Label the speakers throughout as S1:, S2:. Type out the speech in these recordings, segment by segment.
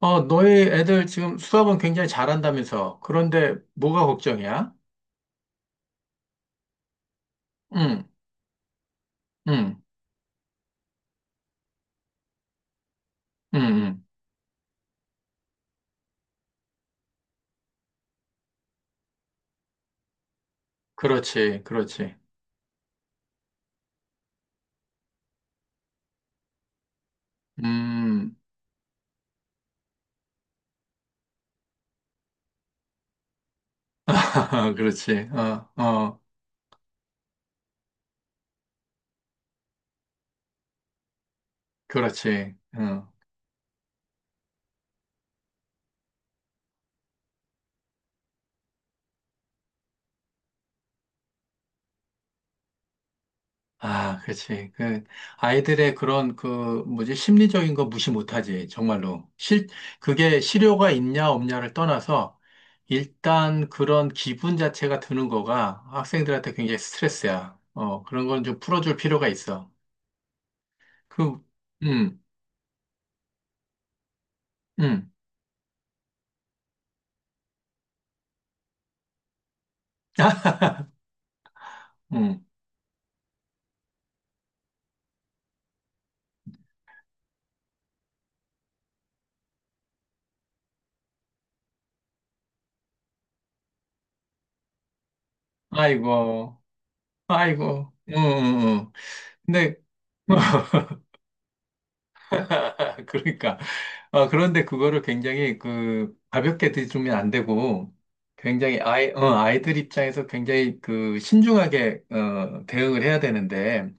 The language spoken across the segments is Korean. S1: 너희 애들 지금 수학은 굉장히 잘한다면서. 그런데 뭐가 걱정이야? 응, 응, 응, 응. 그렇지, 그렇지. 음. 그렇지. 어, 어, 그렇지. 어. 아, 그렇지. 아이들의 그런 뭐지, 심리적인 거 무시 못하지. 정말로. 그게 실효가 있냐, 없냐를 떠나서 일단 그런 기분 자체가 드는 거가 학생들한테 굉장히 스트레스야. 그런 건 좀 풀어줄 필요가 있어. 그, 음, 음. 아, 음, 아이고, 아이고, 근데, 그러니까, 그런데 그거를 굉장히 가볍게 들이면 안 되고, 굉장히 아이들 입장에서 굉장히 신중하게, 대응을 해야 되는데,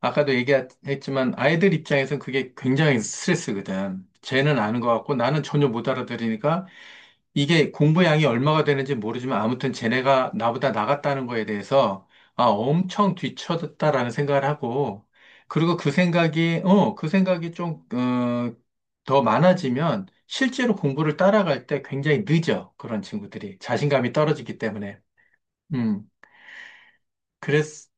S1: 아까도 얘기했지만, 아이들 입장에서 그게 굉장히 스트레스거든. 쟤는 아는 것 같고, 나는 전혀 못 알아들으니까, 이게 공부량이 얼마가 되는지 모르지만 아무튼 쟤네가 나보다 나갔다는 거에 대해서 아, 엄청 뒤처졌다라는 생각을 하고 그리고 그 생각이 좀, 더 많아지면 실제로 공부를 따라갈 때 굉장히 늦어. 그런 친구들이 자신감이 떨어지기 때문에. 음. 그랬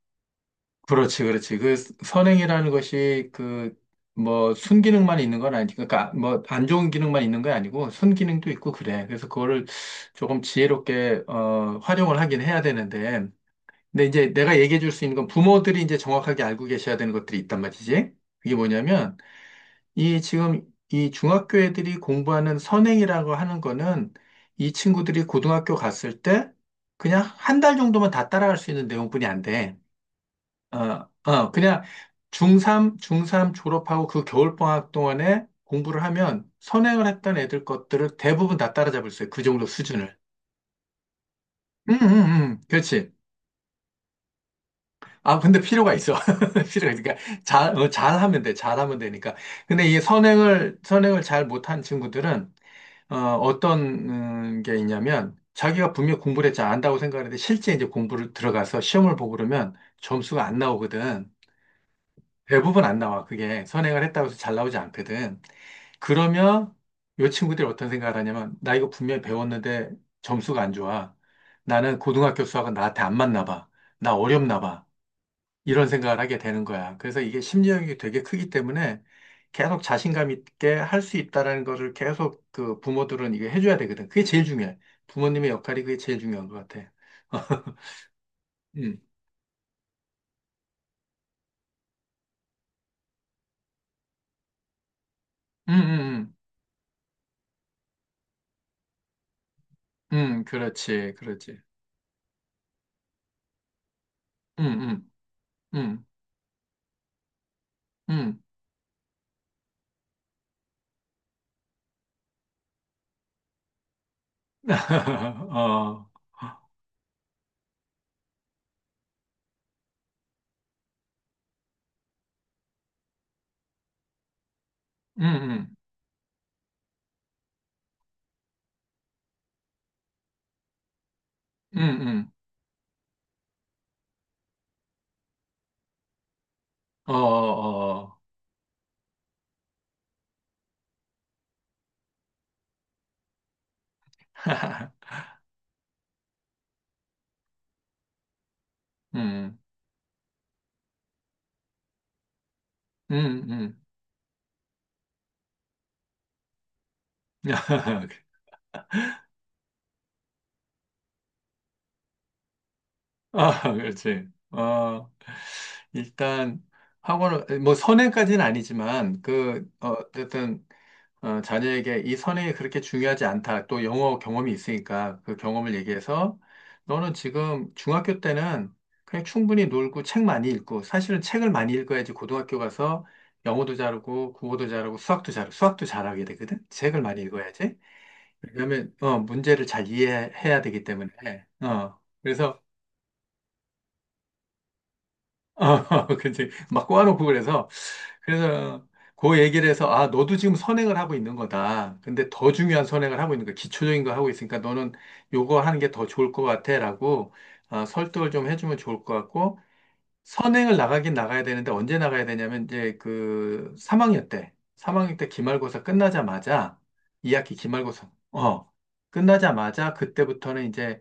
S1: 그렇지, 그렇지. 그 선행이라는 것이 뭐 순기능만 있는 건 그러니까 뭐 안 좋은 기능만 있는 게 아니고 순기능도 있고 그래. 그래서 그거를 조금 지혜롭게 활용을 하긴 해야 되는데, 근데 이제 내가 얘기해 줄 수 있는 건 부모들이 이제 정확하게 알고 계셔야 되는 것들이 있단 말이지. 그게 뭐냐면 이 지금 이 중학교 애들이 공부하는 선행이라고 하는 거는 이 친구들이 고등학교 갔을 때 그냥 한 달 정도만 다 따라갈 수 있는 내용뿐이 안 돼. 그냥 중3 졸업하고 그 겨울방학 동안에 공부를 하면 선행을 했던 애들 것들을 대부분 다 따라잡을 수 있어요. 그 정도 수준을. 그렇지. 아, 근데 필요가 있어. 필요가 있으니까. 잘하면 돼. 잘하면 되니까. 근데 이 선행을 잘 못한 친구들은, 어, 어떤, 게 있냐면, 자기가 분명히 공부를 했지 안다고 생각하는데, 실제 이제 공부를 들어가서 시험을 보고 그러면 점수가 안 나오거든. 대부분 안 나와. 그게 선행을 했다고 해서 잘 나오지 않거든. 그러면 요 친구들이 어떤 생각을 하냐면 나 이거 분명히 배웠는데 점수가 안 좋아. 나는 고등학교 수학은 나한테 안 맞나 봐. 나 어렵나 봐. 이런 생각을 하게 되는 거야. 그래서 이게 심리적인 게 되게 크기 때문에 계속 자신감 있게 할 수 있다라는 거를 계속 그 부모들은 이게 해줘야 되거든. 그게 제일 중요해. 부모님의 역할이 그게 제일 중요한 것 같아. 음, 음, 음, 그렇지, 그렇지. 음, 음, 음, 음. 어, 음, 음, 음, 어, 어, 음, 음, 음, 아, 그렇지, 일단 학원을 뭐 선행까지는 아니지만 어쨌든 자녀에게 이 선행이 그렇게 중요하지 않다. 또 영어 경험이 있으니까 그 경험을 얘기해서 너는 지금 중학교 때는 그냥 충분히 놀고 책 많이 읽고 사실은 책을 많이 읽어야지 고등학교 가서 영어도 잘하고 국어도 잘하고 수학도 잘하게 되거든. 책을 많이 읽어야지. 왜냐하면 문제를 잘 이해해야 되기 때문에 그래서 어, 그치. 막 꼬아놓고 그래서, 그래서 그 얘기를 해서, 아, 너도 지금 선행을 하고 있는 거다. 근데 더 중요한 선행을 하고 있는 거야. 기초적인 거 하고 있으니까 너는 요거 하는 게 더 좋을 것 같아. 라고 아, 설득을 좀 해주면 좋을 것 같고, 선행을 나가긴 나가야 되는데 언제 나가야 되냐면 이제 그 3학년 때 기말고사 끝나자마자 2학기 기말고사 끝나자마자 그때부터는 이제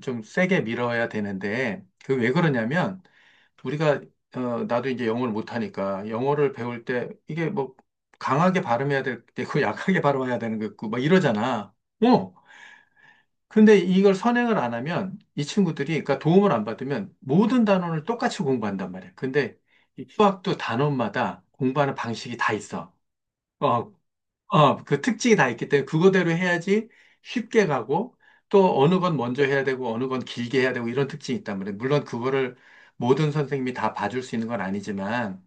S1: 좀 세게 밀어야 되는데 그 왜 그러냐면 우리가 어 나도 이제 영어를 못하니까 영어를 배울 때 이게 뭐 강하게 발음해야 될 때고 약하게 발음해야 되는 거 있고 막 이러잖아. 어 근데 이걸 선행을 안 하면 이 친구들이, 그러니까 도움을 안 받으면 모든 단원을 똑같이 공부한단 말이야. 근데 이 수학도 단원마다 공부하는 방식이 다 있어. 어, 그 특징이 다 있기 때문에 그거대로 해야지 쉽게 가고 또 어느 건 먼저 해야 되고 어느 건 길게 해야 되고 이런 특징이 있단 말이야. 물론 그거를 모든 선생님이 다 봐줄 수 있는 건 아니지만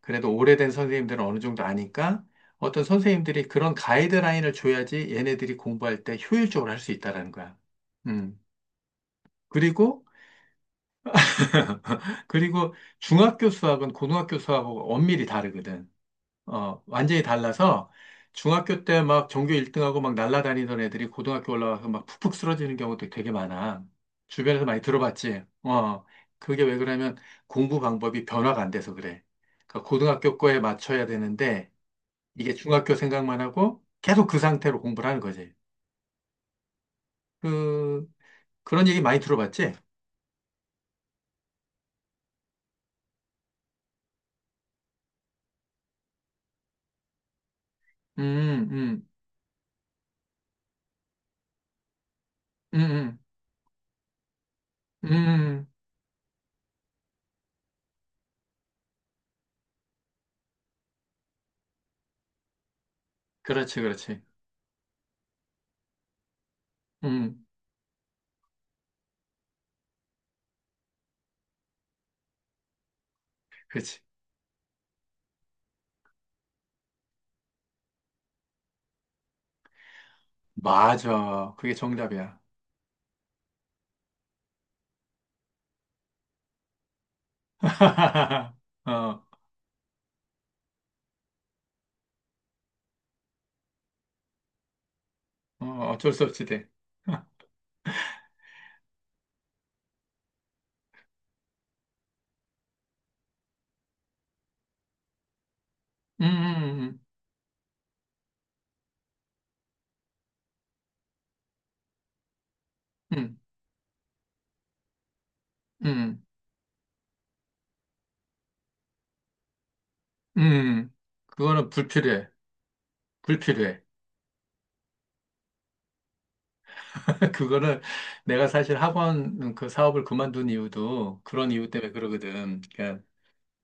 S1: 그래도 오래된 선생님들은 어느 정도 아니까 어떤 선생님들이 그런 가이드라인을 줘야지 얘네들이 공부할 때 효율적으로 할 수 있다라는 거야. 음. 그리고 그리고 중학교 수학은 고등학교 수학하고 엄밀히 다르거든. 어, 완전히 달라서 중학교 때 막 전교 1등하고 막 날아다니던 애들이 고등학교 올라와서 막 푹푹 쓰러지는 경우도 되게 많아. 주변에서 많이 들어봤지. 그게 왜 그러냐면 공부 방법이 변화가 안 돼서 그래. 그러니까 고등학교 거에 맞춰야 되는데 이게 중학교 생각만 하고 계속 그 상태로 공부를 하는 거지. 그, 그런 얘기 많이 들어봤지? 음, 음, 음, 음, 음. 그렇지, 그렇지. 음, 그렇지. 맞아. 그게 정답이야. 어, 어, 어쩔 수 없지, 돼. 음, 음, 음, 음, 음, 음. 그거는 불필요해. 불필요해. 그거는 내가 사실 학원 그 사업을 그만둔 이유도 그런 이유 때문에 그러거든.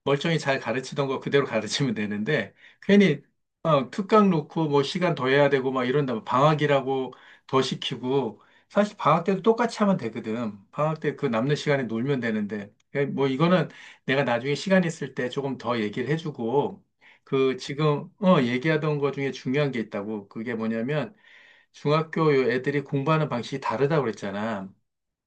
S1: 멀쩡히 잘 가르치던 거 그대로 가르치면 되는데 괜히 특강 놓고 뭐 시간 더 해야 되고 막 이런다 방학이라고 더 시키고 사실 방학 때도 똑같이 하면 되거든. 방학 때 그 남는 시간에 놀면 되는데 예, 뭐 이거는 내가 나중에 시간 있을 때 조금 더 얘기를 해주고 그 지금 얘기하던 거 중에 중요한 게 있다고 그게 뭐냐면 중학교 요 애들이 공부하는 방식이 다르다고 그랬잖아.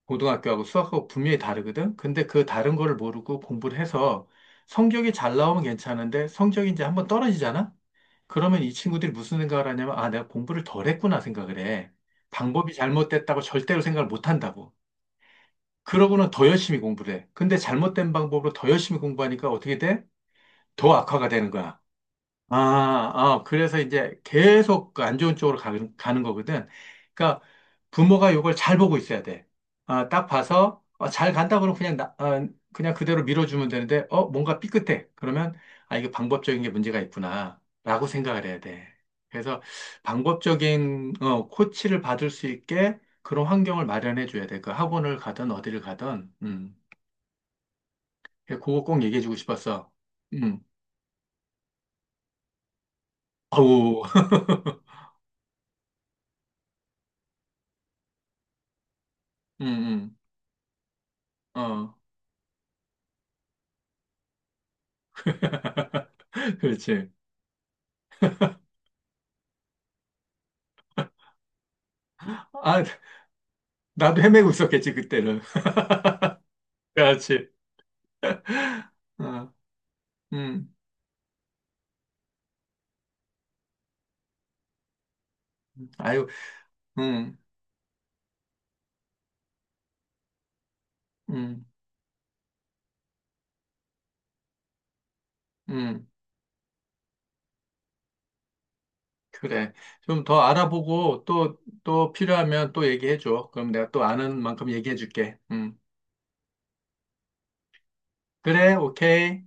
S1: 고등학교하고 수학하고 분명히 다르거든? 근데 그 다른 거를 모르고 공부를 해서 성적이 잘 나오면 괜찮은데 성적이 이제 한번 떨어지잖아? 그러면 이 친구들이 무슨 생각을 하냐면, 아, 내가 공부를 덜 했구나 생각을 해. 방법이 잘못됐다고 절대로 생각을 못 한다고. 그러고는 더 열심히 공부를 해. 근데 잘못된 방법으로 더 열심히 공부하니까 어떻게 돼? 더 악화가 되는 거야. 그래서 이제 계속 그안 좋은 쪽으로 가는 거거든. 그러니까 부모가 이걸 잘 보고 있어야 돼. 아, 딱 봐서 잘 간다 그러면 그냥 그대로 밀어주면 되는데 어, 뭔가 삐끗해. 그러면 아, 이게 방법적인 게 문제가 있구나. 라고 생각을 해야 돼. 그래서 방법적인 코치를 받을 수 있게 그런 환경을 마련해 줘야 돼. 그 학원을 가든 어디를 가든. 음. 그거 꼭 얘기해 주고 싶었어. 음. 어우. 음, 어. 그렇지. 아, 나도 헤매고 있었겠지, 그때는. 그렇지. 어, 음, 아유, 음, 음, 음. 그래. 좀 더 알아보고 또 필요하면 또 얘기해줘. 그럼 내가 또 아는 만큼 얘기해줄게. 음. 그래, 오케이.